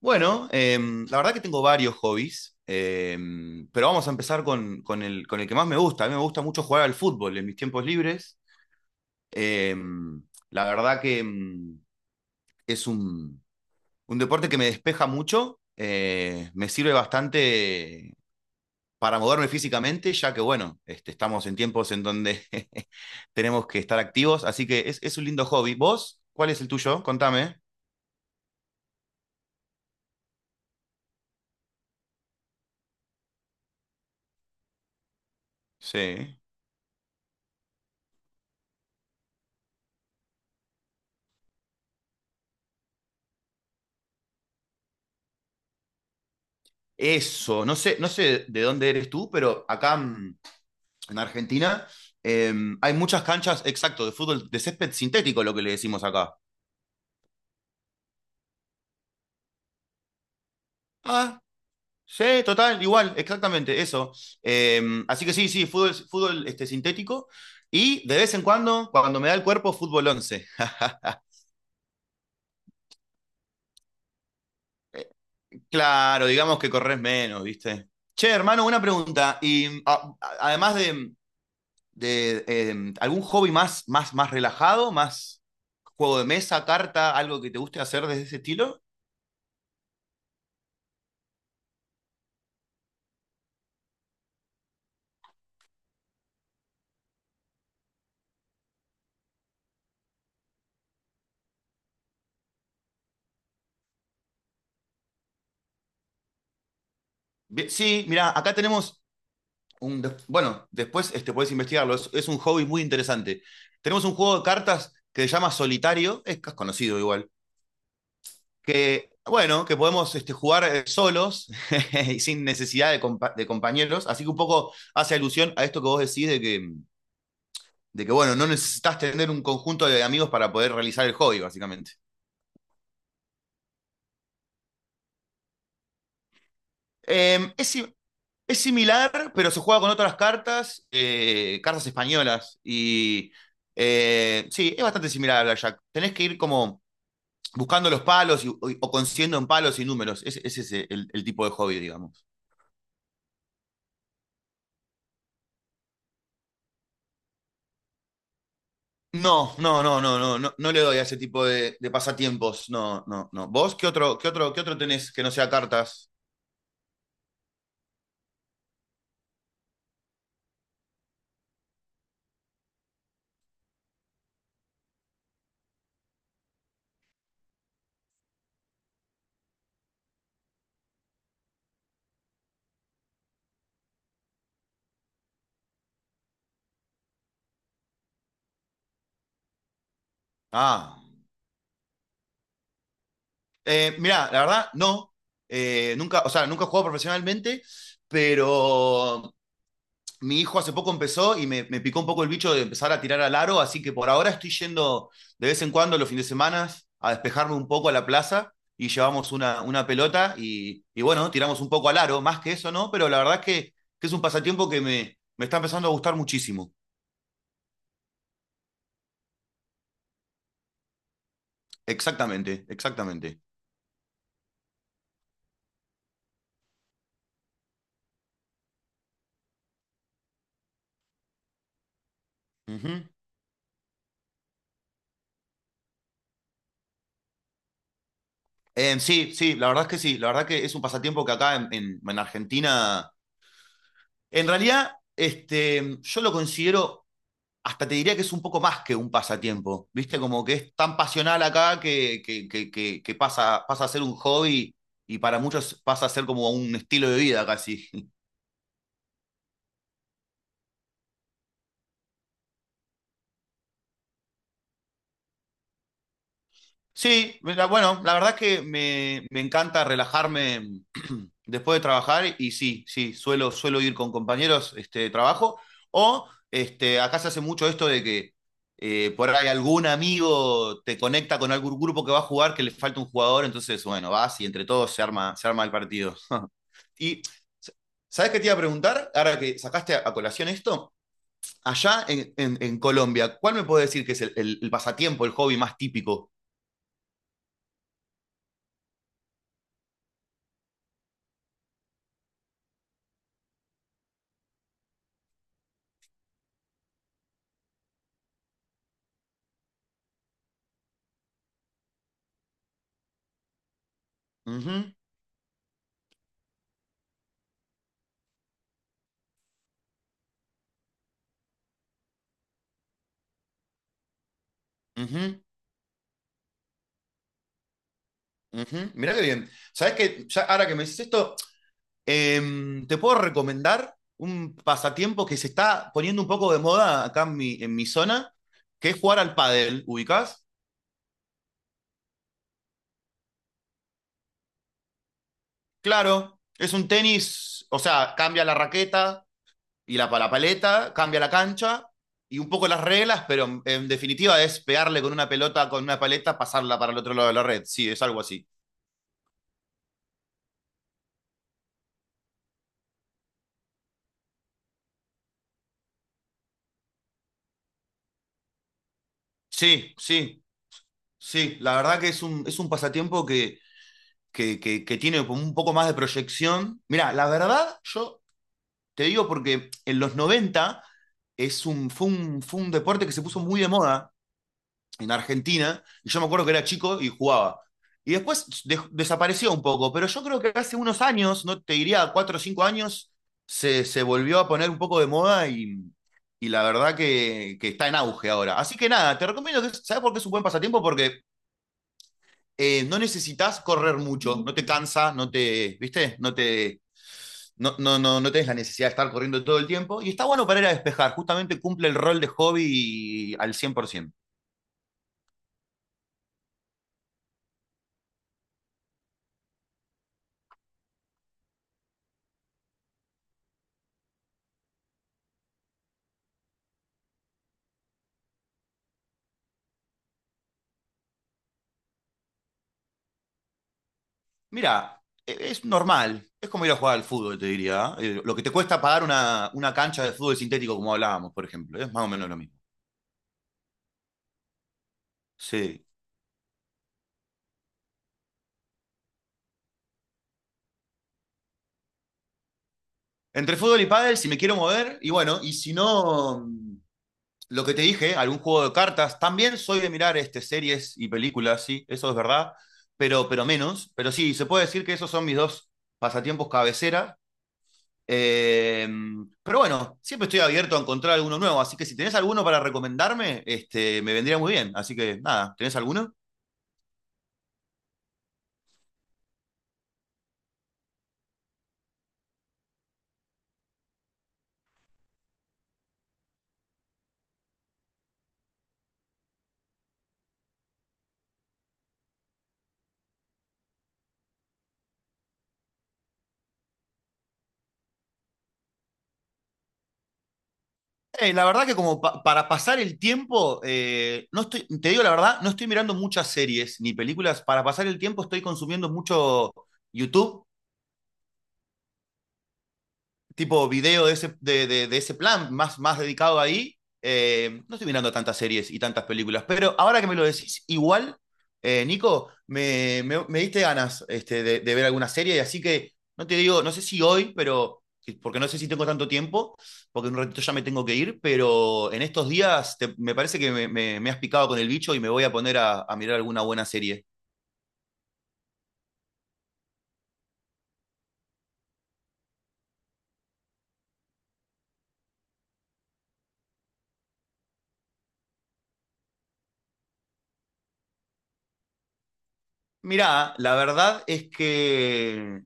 Bueno, la verdad que tengo varios hobbies, pero vamos a empezar con el que más me gusta. A mí me gusta mucho jugar al fútbol en mis tiempos libres. Em, la verdad que, es un deporte que me despeja mucho, me sirve bastante para moverme físicamente, ya que bueno, este, estamos en tiempos en donde tenemos que estar activos, así que es un lindo hobby. ¿Vos? ¿Cuál es el tuyo? Contame. Sí. Eso, no sé, no sé de dónde eres tú, pero acá en Argentina, eh, hay muchas canchas, exacto, de fútbol de césped sintético, lo que le decimos acá. Ah, sí, total, igual, exactamente, eso. Eh, así que sí, sí, fútbol este, sintético. Y de vez en cuando, cuando me da el cuerpo, fútbol once. Claro, digamos que corres menos, ¿viste? Che, hermano, una pregunta. Y además de algún hobby más relajado, más juego de mesa, carta, algo que te guste hacer de ese estilo. Bien, sí, mira, acá tenemos bueno, después este, puedes investigarlo, es un hobby muy interesante. Tenemos un juego de cartas que se llama Solitario, es conocido igual, que, bueno, que podemos este, jugar solos y sin necesidad de, de compañeros, así que un poco hace alusión a esto que vos decís de que bueno, no necesitas tener un conjunto de amigos para poder realizar el hobby, básicamente. Eh, es, Es similar, pero se juega con otras cartas, cartas españolas. Y sí, es bastante similar al Blackjack. Tenés que ir como buscando los palos o consiguiendo en palos y números. Ese es el tipo de hobby, digamos. No, no, no, no, no, no, no le doy a ese tipo de pasatiempos. No, no, no. ¿Vos qué otro tenés que no sea cartas? Ah, mirá, la verdad, no. Nunca, o sea, nunca he jugado profesionalmente, pero mi hijo hace poco empezó y me picó un poco el bicho de empezar a tirar al aro, así que por ahora estoy yendo de vez en cuando los fines de semana a despejarme un poco a la plaza y llevamos una pelota y, bueno, tiramos un poco al aro, más que eso, ¿no? Pero la verdad es que es un pasatiempo que me está empezando a gustar muchísimo. Exactamente, exactamente. Uh -huh. Sí, sí, la verdad es que sí, la verdad que es un pasatiempo que acá en Argentina, en realidad, este, yo lo considero hasta te diría que es un poco más que un pasatiempo, ¿viste? Como que es tan pasional acá que pasa, pasa a ser un hobby y para muchos pasa a ser como un estilo de vida casi. Sí, mira, bueno, la verdad es que me encanta relajarme después de trabajar y sí, sí, suelo ir con compañeros este, de trabajo o este, acá se hace mucho esto de que por ahí algún amigo te conecta con algún grupo que va a jugar que le falta un jugador, entonces bueno, vas y entre todos se arma el partido. Y, ¿sabes qué te iba a preguntar? Ahora que sacaste a colación esto, allá Colombia, ¿cuál me puede decir que es el pasatiempo, el hobby más típico? Uh -huh, uh -huh, uh -huh. Mirá qué bien. ¿Sabes qué? Ya, ahora que me dices esto, eh, ¿te puedo recomendar un pasatiempo que se está poniendo un poco de moda acá en mi zona? Que es jugar al pádel, ¿ubicás? Claro, es un tenis, o sea, cambia la raqueta, y la paleta, cambia la cancha y un poco las reglas, pero definitiva es pegarle con una pelota, con una paleta, pasarla para el otro lado de la red. Sí, es algo así. Sí, sí, sí. La verdad que es es un pasatiempo que tiene un poco más de proyección. Mira, la verdad, yo te digo porque en los 90 es fue un deporte que se puso muy de moda en Argentina, y yo me acuerdo que era chico y jugaba. Y después desapareció un poco, pero yo creo que hace unos años, no te diría cuatro o cinco años, se volvió a poner un poco de moda y la verdad que está en auge ahora. Así que nada, te recomiendo que, ¿sabes por qué es un buen pasatiempo? Porque no necesitas correr mucho, no te cansa, no te, ¿viste? No te, no, no, no, no tenés la necesidad de estar corriendo todo el tiempo. Y está bueno para ir a despejar, justamente cumple el rol de hobby al 100%. Mira, es normal. Es como ir a jugar al fútbol, te diría. ¿Eh? Lo que te cuesta pagar una cancha de fútbol sintético, como hablábamos, por ejemplo. Es más o menos lo mismo. Sí. Entre fútbol y pádel, si me quiero mover, y bueno, y si no, lo que te dije, algún juego de cartas. También soy de mirar este, series y películas, sí, eso es verdad, pero menos. Pero sí, se puede decir que esos son mis dos pasatiempos cabecera. Eh, pero bueno, siempre estoy abierto a encontrar alguno nuevo, así que si tenés alguno para recomendarme, este, me vendría muy bien. Así que nada, ¿tenés alguno? La verdad que como para pasar el tiempo, no estoy, te digo la verdad, no estoy mirando muchas series ni películas. Para pasar el tiempo estoy consumiendo mucho YouTube tipo video de ese, de ese plan, más dedicado ahí. No estoy mirando tantas series y tantas películas, pero ahora que me lo decís, igual, Nico, diste ganas este, de ver alguna serie, así que no te digo, no sé si hoy, pero porque no sé si tengo tanto tiempo, porque en un ratito ya me tengo que ir, pero en estos días te, me parece que me has picado con el bicho y me voy a poner a mirar alguna buena serie. Mirá, la verdad es que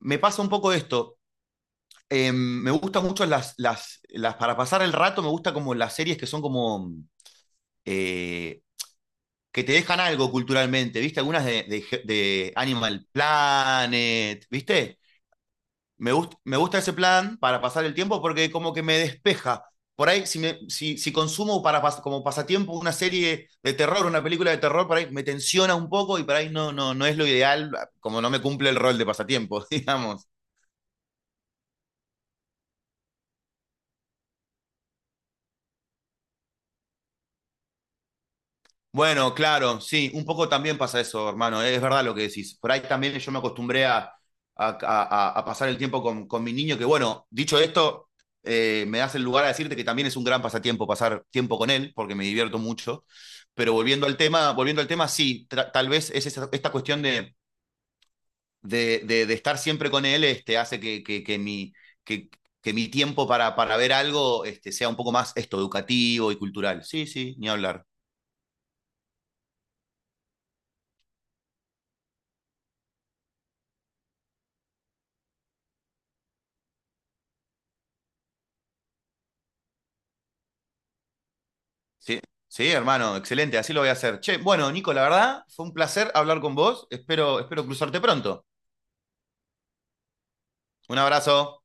me pasa un poco esto. Me gusta mucho para pasar el rato, me gusta como las series que son como, eh, que te dejan algo culturalmente, ¿viste? Algunas de Animal Planet, ¿viste? Me gusta ese plan para pasar el tiempo porque como que me despeja. Por ahí, si consumo para, como pasatiempo una serie de terror, una película de terror, por ahí me tensiona un poco y por ahí no, no, no es lo ideal, como no me cumple el rol de pasatiempo, digamos. Bueno, claro, sí, un poco también pasa eso, hermano, es verdad lo que decís. Por ahí también yo me acostumbré a pasar el tiempo con mi niño, que bueno, dicho esto, me das el lugar a decirte que también es un gran pasatiempo pasar tiempo con él, porque me divierto mucho. Pero volviendo al tema, sí, tal vez es esta cuestión de estar siempre con él, este, hace que mi, que, que mi tiempo para ver algo, este, sea un poco más esto, educativo y cultural. Sí, sí, ni hablar. Sí, sí, hermano, excelente, así lo voy a hacer. Che, bueno, Nico, la verdad, fue un placer hablar con vos. Espero, espero cruzarte pronto. Un abrazo.